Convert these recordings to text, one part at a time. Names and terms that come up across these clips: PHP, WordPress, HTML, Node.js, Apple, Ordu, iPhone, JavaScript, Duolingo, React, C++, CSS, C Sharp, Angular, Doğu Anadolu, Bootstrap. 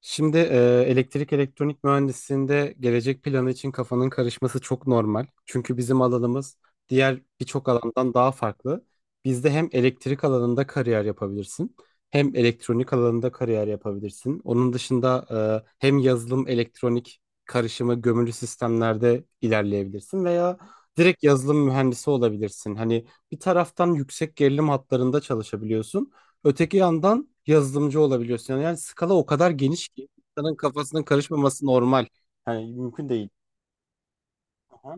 Şimdi elektrik elektronik mühendisliğinde gelecek planı için kafanın karışması çok normal. Çünkü bizim alanımız diğer birçok alandan daha farklı. Bizde hem elektrik alanında kariyer yapabilirsin, hem elektronik alanında kariyer yapabilirsin. Onun dışında hem yazılım elektronik karışımı gömülü sistemlerde ilerleyebilirsin veya direkt yazılım mühendisi olabilirsin. Hani bir taraftan yüksek gerilim hatlarında çalışabiliyorsun. Öteki yandan yazılımcı olabiliyorsun. Yani skala o kadar geniş ki insanın kafasının karışmaması normal. Yani mümkün değil. Aha.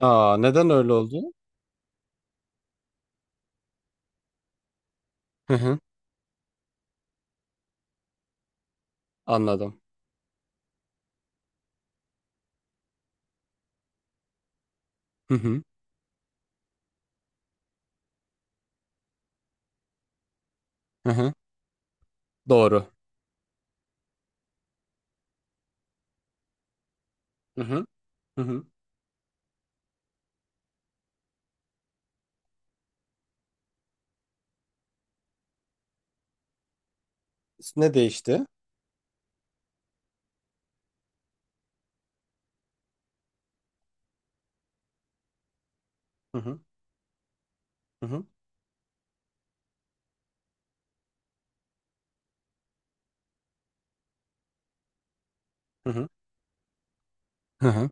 Aa, neden öyle oldu? Hı hı, anladım. Hı hı, hı hı, doğru. Hı hı, hı hı. Ne değişti? Hı hı, hı hı, hı hı. Hı hı.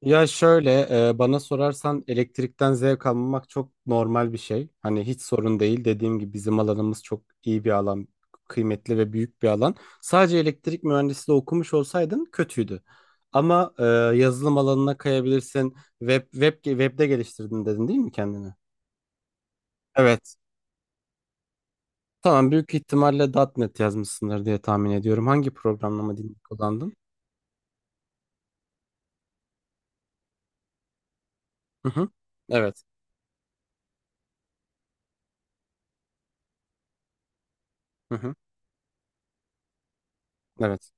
Ya şöyle, bana sorarsan elektrikten zevk almamak çok normal bir şey. Hani hiç sorun değil. Dediğim gibi bizim alanımız çok iyi bir alan, kıymetli ve büyük bir alan. Sadece elektrik mühendisliği okumuş olsaydın kötüydü. Ama yazılım alanına kayabilirsin. Webde geliştirdin dedin değil mi kendini? Evet. Tamam, büyük ihtimalle .nokta .NET yazmışsındır diye tahmin ediyorum. Hangi programlama dilini kullandın? Hı hı. Evet. Hı hı. Evet.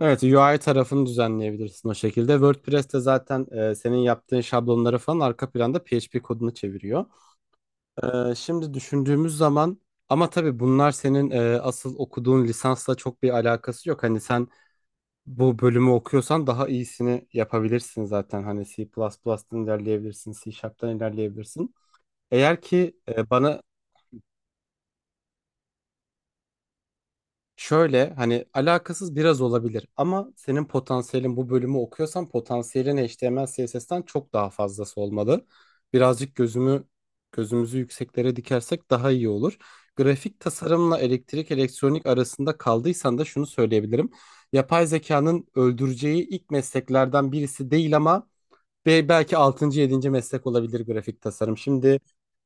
Evet, UI tarafını düzenleyebilirsin o şekilde. WordPress'te zaten, senin yaptığın şablonları falan arka planda PHP kodunu çeviriyor. Şimdi düşündüğümüz zaman ama tabii bunlar senin, asıl okuduğun lisansla çok bir alakası yok. Hani sen bu bölümü okuyorsan daha iyisini yapabilirsin zaten. Hani C++'dan ilerleyebilirsin, C Sharp'tan ilerleyebilirsin. Eğer ki bana şöyle, hani alakasız biraz olabilir ama senin potansiyelin bu bölümü okuyorsan potansiyelin HTML CSS'ten çok daha fazlası olmalı. Birazcık gözümüzü yükseklere dikersek daha iyi olur. Grafik tasarımla elektrik elektronik arasında kaldıysan da şunu söyleyebilirim. Yapay zekanın öldüreceği ilk mesleklerden birisi değil ama belki 6. 7. meslek olabilir grafik tasarım. Şimdi,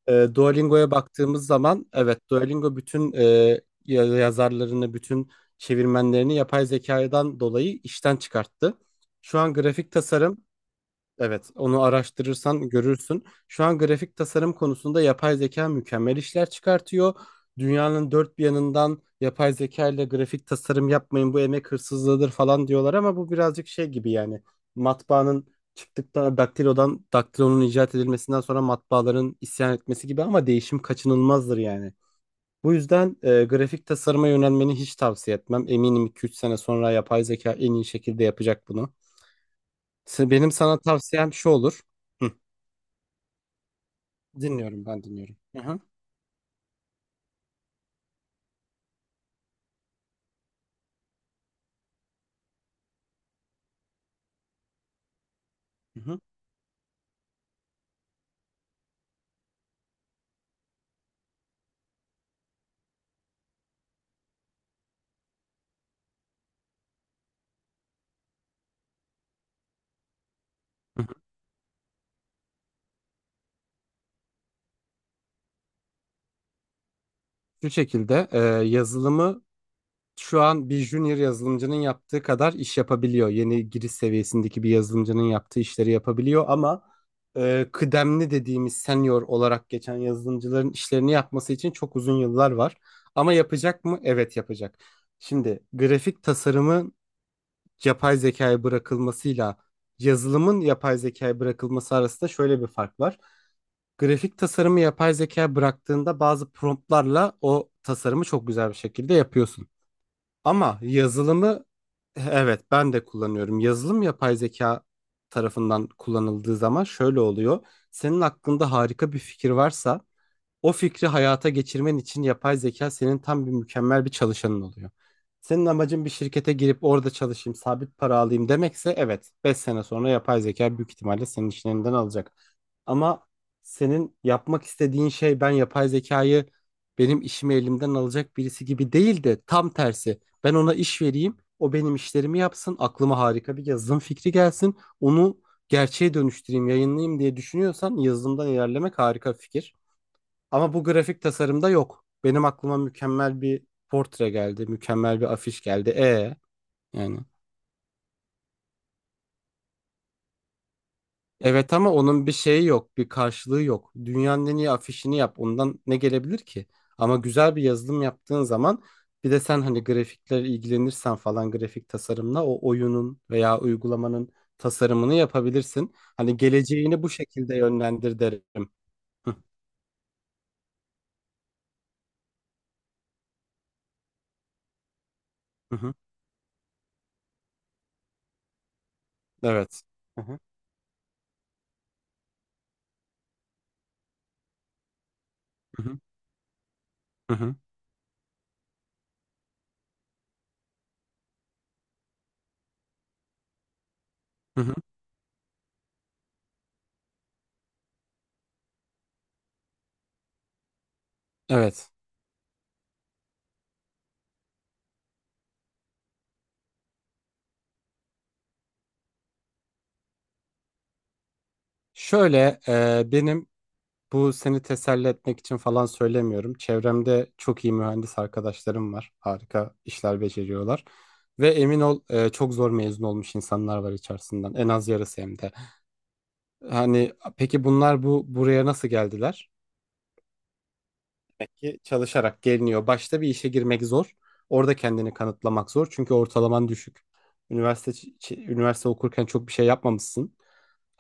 Duolingo'ya baktığımız zaman evet, Duolingo bütün yazarlarını, bütün çevirmenlerini yapay zekadan dolayı işten çıkarttı. Şu an grafik tasarım. Evet, onu araştırırsan görürsün. Şu an grafik tasarım konusunda yapay zeka mükemmel işler çıkartıyor. Dünyanın dört bir yanından yapay zeka ile grafik tasarım yapmayın, bu emek hırsızlığıdır falan diyorlar ama bu birazcık şey gibi, yani matbaanın çıktıktan daktilodan daktilonun icat edilmesinden sonra matbaaların isyan etmesi gibi, ama değişim kaçınılmazdır yani. Bu yüzden, grafik tasarıma yönelmeni hiç tavsiye etmem. Eminim 2 üç sene sonra yapay zeka en iyi şekilde yapacak bunu. Benim sana tavsiyem şu olur. Hı. Dinliyorum, ben dinliyorum. Hı hı. Hı hı. Şu şekilde, yazılımı şu an bir junior yazılımcının yaptığı kadar iş yapabiliyor. Yeni giriş seviyesindeki bir yazılımcının yaptığı işleri yapabiliyor ama, kıdemli dediğimiz senior olarak geçen yazılımcıların işlerini yapması için çok uzun yıllar var. Ama yapacak mı? Evet, yapacak. Şimdi grafik tasarımın yapay zekaya bırakılmasıyla yazılımın yapay zekaya bırakılması arasında şöyle bir fark var. Grafik tasarımı yapay zeka bıraktığında bazı promptlarla o tasarımı çok güzel bir şekilde yapıyorsun. Ama yazılımı, evet ben de kullanıyorum. Yazılım yapay zeka tarafından kullanıldığı zaman şöyle oluyor. Senin aklında harika bir fikir varsa o fikri hayata geçirmen için yapay zeka senin tam mükemmel bir çalışanın oluyor. Senin amacın bir şirkete girip orada çalışayım, sabit para alayım demekse evet, 5 sene sonra yapay zeka büyük ihtimalle senin işin elinden alacak. Ama senin yapmak istediğin şey ben yapay zekayı benim işimi elimden alacak birisi gibi değil de tam tersi. Ben ona iş vereyim. O benim işlerimi yapsın. Aklıma harika bir yazılım fikri gelsin. Onu gerçeğe dönüştüreyim, yayınlayayım diye düşünüyorsan yazılımdan ilerlemek harika bir fikir. Ama bu grafik tasarımda yok. Benim aklıma mükemmel bir portre geldi, mükemmel bir afiş geldi. Yani, evet ama onun bir şeyi yok, bir karşılığı yok. Dünyanın en iyi afişini yap. Ondan ne gelebilir ki? Ama güzel bir yazılım yaptığın zaman, bir de sen hani grafikler ilgilenirsen falan grafik tasarımla o oyunun veya uygulamanın tasarımını yapabilirsin. Hani geleceğini bu şekilde yönlendir derim. Hı hı. Hı. Evet. Hı hı. Hı hı. Hı hı. Hı hı. Evet. Şöyle, e, benim bu seni teselli etmek için falan söylemiyorum. Çevremde çok iyi mühendis arkadaşlarım var. Harika işler beceriyorlar. Ve emin ol, çok zor mezun olmuş insanlar var içerisinden. En az yarısı hem de. Hani peki bunlar buraya nasıl geldiler? Demek ki çalışarak geliniyor. Başta bir işe girmek zor. Orada kendini kanıtlamak zor. Çünkü ortalaman düşük. Üniversite okurken çok bir şey yapmamışsın.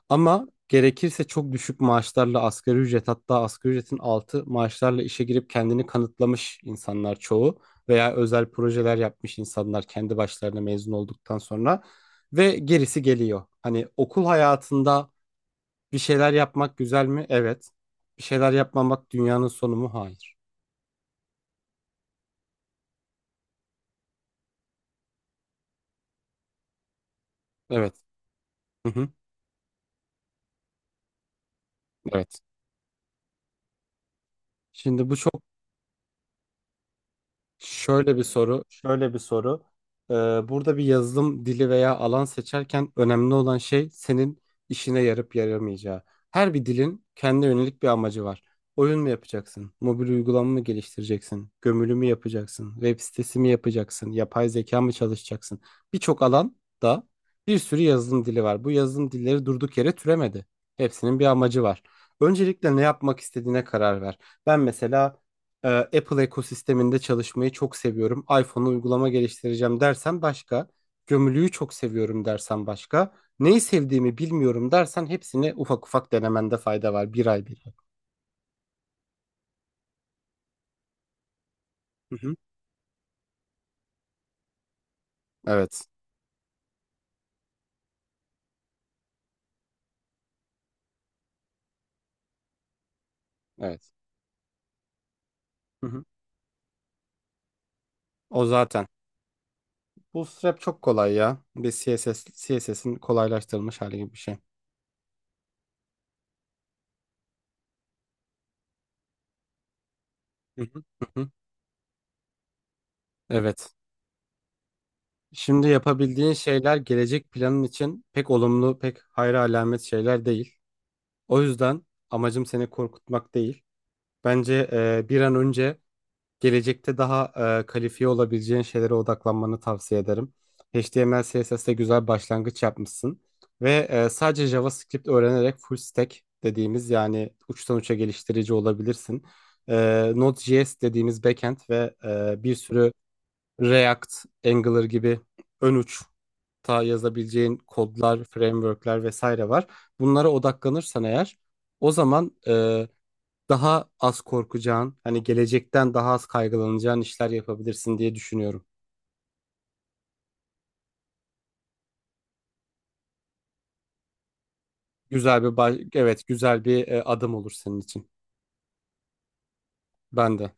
Ama gerekirse çok düşük maaşlarla, asgari ücret, hatta asgari ücretin altı maaşlarla işe girip kendini kanıtlamış insanlar çoğu, veya özel projeler yapmış insanlar kendi başlarına mezun olduktan sonra, ve gerisi geliyor. Hani okul hayatında bir şeyler yapmak güzel mi? Evet. Bir şeyler yapmamak dünyanın sonu mu? Hayır. Evet. Hı hı. Evet. Şimdi bu çok şöyle bir soru. Ee, Burada bir yazılım dili veya alan seçerken önemli olan şey senin işine yarıp yaramayacağı. Her bir dilin kendine yönelik bir amacı var. Oyun mu yapacaksın? Mobil uygulama mı geliştireceksin? Gömülü mü yapacaksın? Web sitesi mi yapacaksın? Yapay zeka mı çalışacaksın? Birçok alanda bir sürü yazılım dili var. Bu yazılım dilleri durduk yere türemedi. Hepsinin bir amacı var. Öncelikle ne yapmak istediğine karar ver. Ben mesela, Apple ekosisteminde çalışmayı çok seviyorum. iPhone'a uygulama geliştireceğim dersen başka. Gömülüyü çok seviyorum dersen başka. Neyi sevdiğimi bilmiyorum dersen hepsini ufak ufak denemende fayda var. Bir ay. Hı hı. Evet. Evet. Hı hı. O zaten. Bootstrap çok kolay ya. Bir CSS'in kolaylaştırılmış hali gibi bir şey. Hı hı. Hı hı. Evet. Şimdi yapabildiğin şeyler gelecek planın için pek olumlu, pek hayra alamet şeyler değil. O yüzden amacım seni korkutmak değil. Bence, bir an önce gelecekte daha, kalifiye olabileceğin şeylere odaklanmanı tavsiye ederim. HTML, CSS'te güzel başlangıç yapmışsın. Ve, sadece JavaScript öğrenerek full stack dediğimiz, yani uçtan uça geliştirici olabilirsin. Node.js dediğimiz backend ve, bir sürü React, Angular gibi ön uç ta yazabileceğin kodlar, frameworkler vesaire var. Bunlara odaklanırsan eğer o zaman daha az korkacağın, hani gelecekten daha az kaygılanacağın işler yapabilirsin diye düşünüyorum. Güzel bir, adım olur senin için. Ben de.